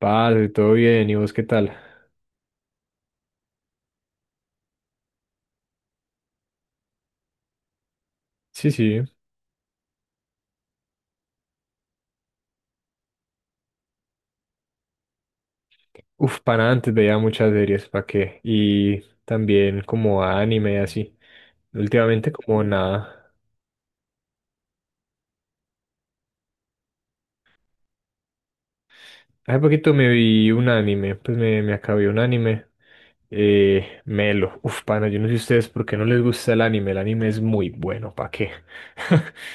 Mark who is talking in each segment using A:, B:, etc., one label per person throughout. A: Parce, todo bien, ¿y vos qué tal? Sí, sí. Uf, para antes veía muchas series, ¿para qué? Y también como anime y así. Últimamente como nada. Hace poquito me vi un anime, pues me acabé un anime. Melo. Uf, pana, yo no sé ustedes por qué no les gusta el anime. El anime es muy bueno, ¿para qué?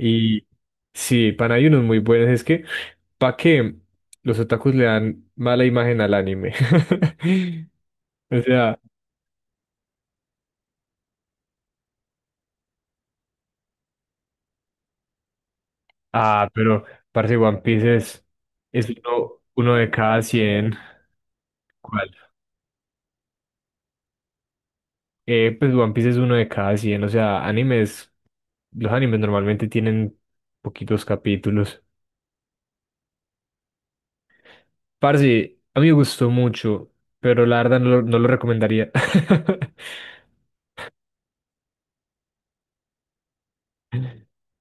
A: Y sí, pana, hay unos muy buenos. Es que, ¿para qué? Los otakus le dan mala imagen al anime. O sea, ah, pero parce One Piece es uno de cada 100. ¿Cuál? Pues One Piece es uno de cada 100. O sea, animes. Los animes normalmente tienen poquitos capítulos. Parce, a mí me gustó mucho, pero la verdad no lo recomendaría.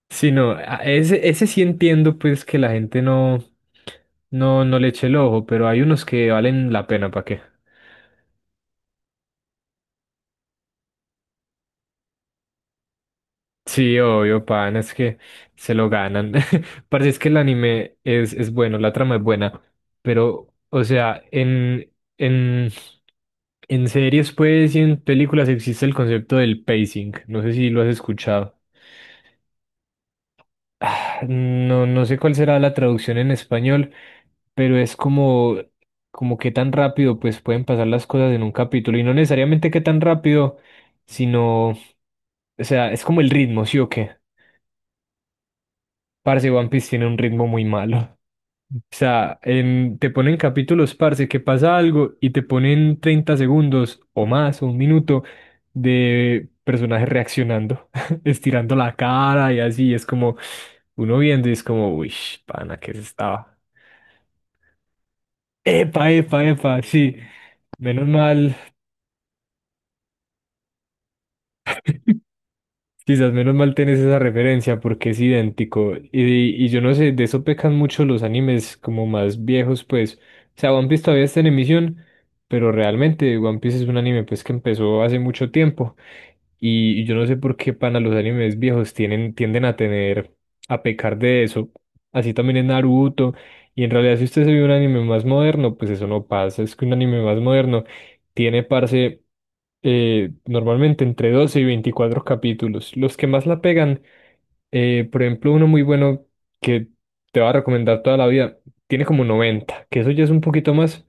A: Sí, no, ese sí entiendo pues que la gente no le eche el ojo, pero hay unos que valen la pena, ¿para qué? Sí, obvio, pan, es que se lo ganan. Parece es que el anime es bueno, la trama es buena, pero, o sea, en, en series, pues, y en películas existe el concepto del pacing. No sé si lo has escuchado. Ah, no, no sé cuál será la traducción en español, pero es como qué tan rápido, pues, pueden pasar las cosas en un capítulo. Y no necesariamente qué tan rápido, sino, o sea, es como el ritmo, ¿sí o qué? Parce, One Piece tiene un ritmo muy malo. O sea, te ponen capítulos, parce, que pasa algo y te ponen 30 segundos o más, o un minuto, de personajes reaccionando, estirando la cara y así. Es como uno viendo y es como, uy, pana, ¿qué se estaba? Epa, epa, epa, sí. Menos mal, Quizás menos mal tenés esa referencia porque es idéntico. Y yo no sé, de eso pecan mucho los animes como más viejos, pues. O sea, One Piece todavía está en emisión, pero realmente One Piece es un anime pues que empezó hace mucho tiempo. Y yo no sé por qué pana los animes viejos tienden a tener, a pecar de eso. Así también en Naruto. Y en realidad si usted se ve un anime más moderno, pues eso no pasa. Es que un anime más moderno tiene, parce, normalmente entre 12 y 24 capítulos. Los que más la pegan, por ejemplo, uno muy bueno que te va a recomendar toda la vida, tiene como 90 que eso ya es un poquito más,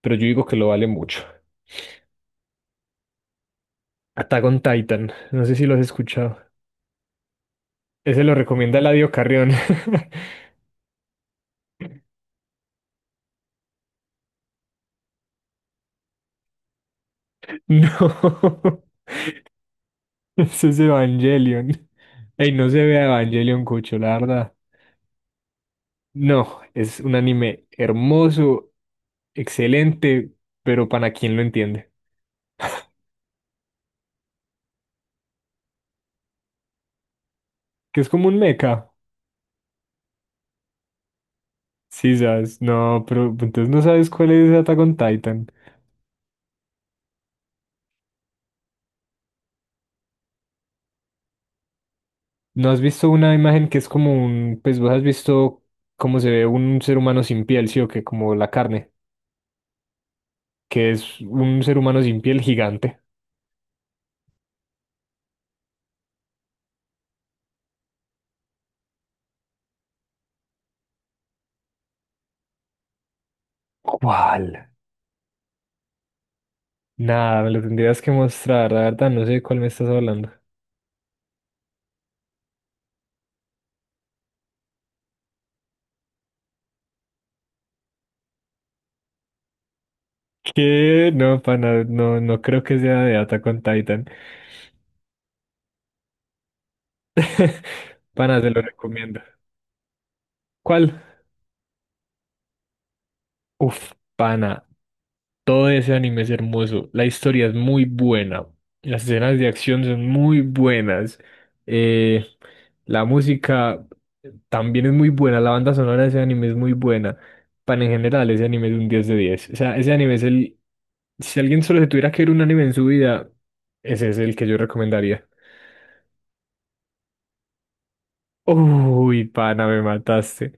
A: pero yo digo que lo vale mucho. Attack on Titan, no sé si lo has escuchado. Ese lo recomienda Eladio Carrión. No, ese es Evangelion. Ey, no se vea Evangelion, Cucho, la verdad. No, es un anime hermoso, excelente, pero para quien lo entiende. Que es como un mecha. Sí, sabes, no, pero entonces no sabes cuál es Attack on Titan. ¿No has visto una imagen que es como pues vos has visto cómo se ve un ser humano sin piel, sí o qué, como la carne, que es un ser humano sin piel gigante? ¿Cuál? Nada, me lo tendrías que mostrar, la verdad, no sé de cuál me estás hablando. ¿Qué? No, pana, no, no creo que sea de Attack on Titan. Pana, se lo recomiendo. ¿Cuál? Uf, pana. Todo ese anime es hermoso. La historia es muy buena. Las escenas de acción son muy buenas. eh, la música también es muy buena. La banda sonora de ese anime es muy buena. Pero en general, ese anime es un 10 de 10. O sea, ese anime es el... Si alguien solo se tuviera que ver un anime en su vida, ese es el que yo recomendaría. Uy, pana, me mataste.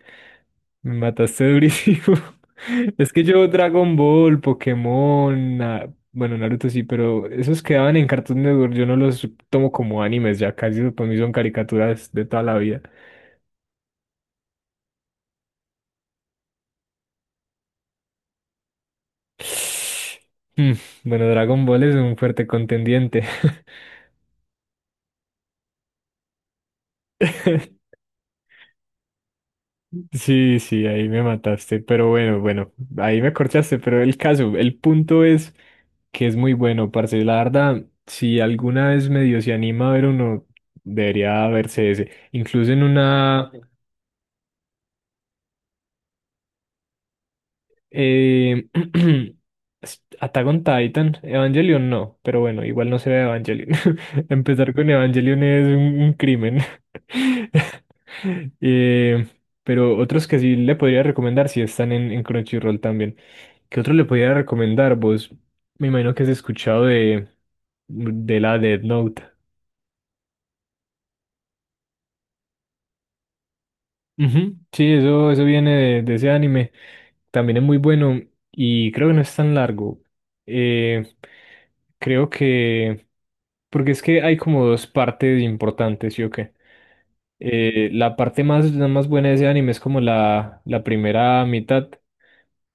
A: Me mataste durísimo. Es que yo Dragon Ball, Pokémon, bueno, Naruto sí, pero esos quedaban en Cartoon Network. Yo no los tomo como animes, ya casi para mí son caricaturas de toda la vida. Mm, Bueno, Dragon Ball es un fuerte contendiente. Sí, sí, ahí me mataste, pero bueno, bueno, ahí me corchaste, pero el caso, el punto es que es muy bueno, parce. La verdad, si alguna vez medio se anima a ver uno, debería verse ese. Incluso en una... Eh, Attack on Titan, Evangelion no, pero bueno, igual no se ve Evangelion. Empezar con Evangelion es un crimen. Eh, pero otros que sí le podría recomendar, si están en Crunchyroll también. ¿Qué otro le podría recomendar? Vos, me imagino que has escuchado de, la Death Note. Ujú, sí, eso viene de ese anime. También es muy bueno y creo que no es tan largo. Eh, Creo que... Porque es que hay como dos partes importantes, ¿sí o qué? La parte más, la más buena de ese anime es como la primera mitad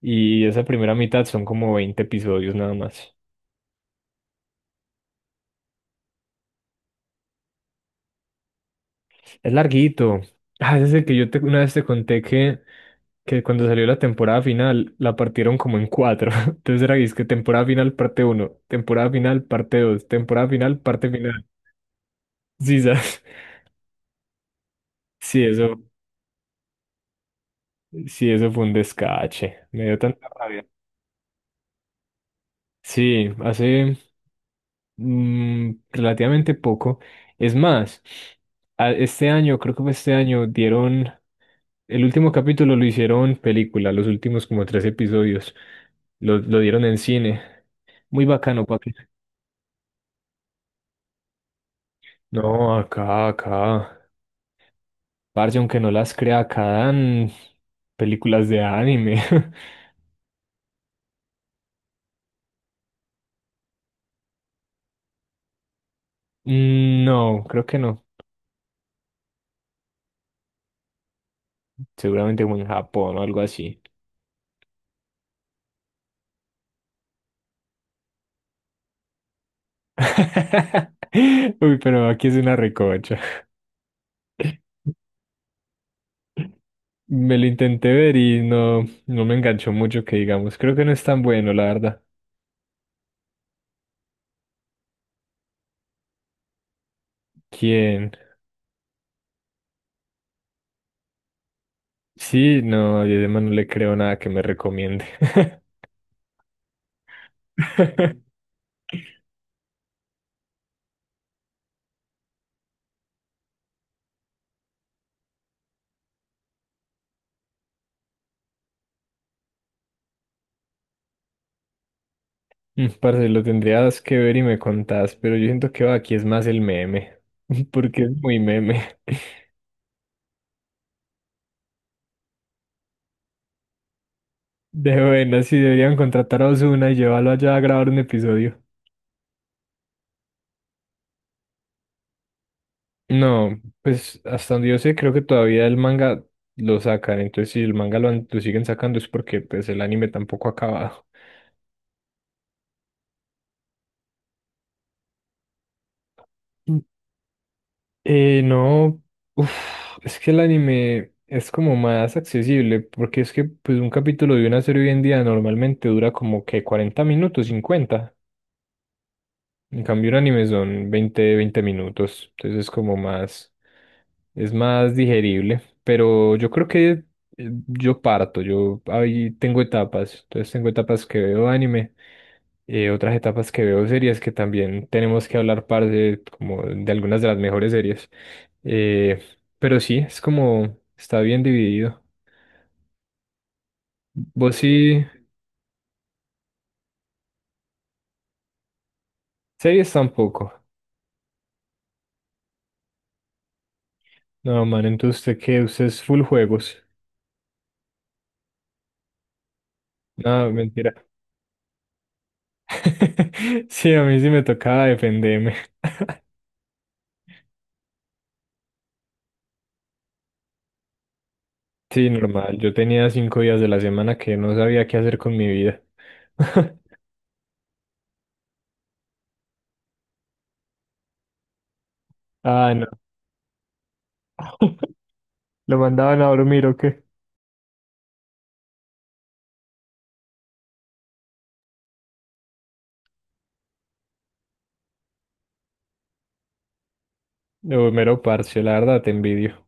A: y esa primera mitad son como 20 episodios nada más. Es larguito. Ah, ese es el que yo una vez te conté que cuando salió la temporada final la partieron como en cuatro. Entonces era que es que temporada final parte uno, temporada final parte dos, temporada final parte final. Sí, ¿sabes? Sí, eso, sí, eso fue un descache. Me dio tanta rabia. Sí, hace relativamente poco. Es más, este año, creo que fue este año, dieron el último capítulo lo hicieron película, los últimos como tres episodios. Lo dieron en cine. Muy bacano, papi. No, acá, acá. Parce, aunque no las crea, acá dan películas de anime. No, creo que no. Seguramente como en Japón o algo así. Uy, pero aquí es una recocha. Me lo intenté ver y no, no me enganchó mucho que digamos. Creo que no es tan bueno, la verdad. ¿Quién? Sí, no, yo además no le creo nada que me recomiende. Parce, lo tendrías que ver y me contás, pero yo siento que va, aquí es más el meme, porque es muy meme. De buena, si deberían contratar a Ozuna y llevarlo allá a grabar un episodio. No, pues hasta donde yo sé, creo que todavía el manga lo sacan, entonces si el manga lo siguen sacando es porque pues el anime tampoco ha acabado. Mm. No, uf, es que el anime es como más accesible, porque es que pues un capítulo de una serie hoy en día normalmente dura como que 40 minutos, 50. En cambio, un anime son veinte minutos, entonces es como más, es más digerible, pero yo creo que yo parto, yo ahí tengo etapas, entonces tengo etapas que veo anime, otras etapas que veo series que también tenemos que hablar, parce, como de algunas de las mejores series, eh, pero sí, es como, está bien dividido. Vos sí, series tampoco, no, man, entonces usted qué, usted es full juegos, no, mentira. Sí, a mí sí me tocaba defenderme. Sí, normal. Yo tenía 5 días de la semana que no sabía qué hacer con mi vida. Ah, no. ¿Lo mandaban a dormir o qué? No, mero parche, la verdad, te envidio.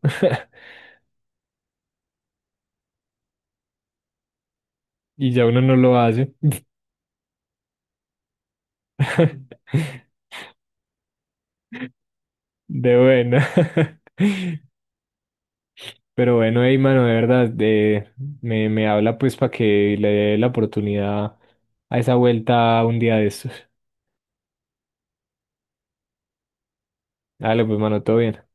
A: Y ya uno no lo hace. De buena. Pero bueno, hey, mano, de verdad, me habla pues para que le dé la oportunidad a esa vuelta un día de estos. Dale, pues, mano, todo bien.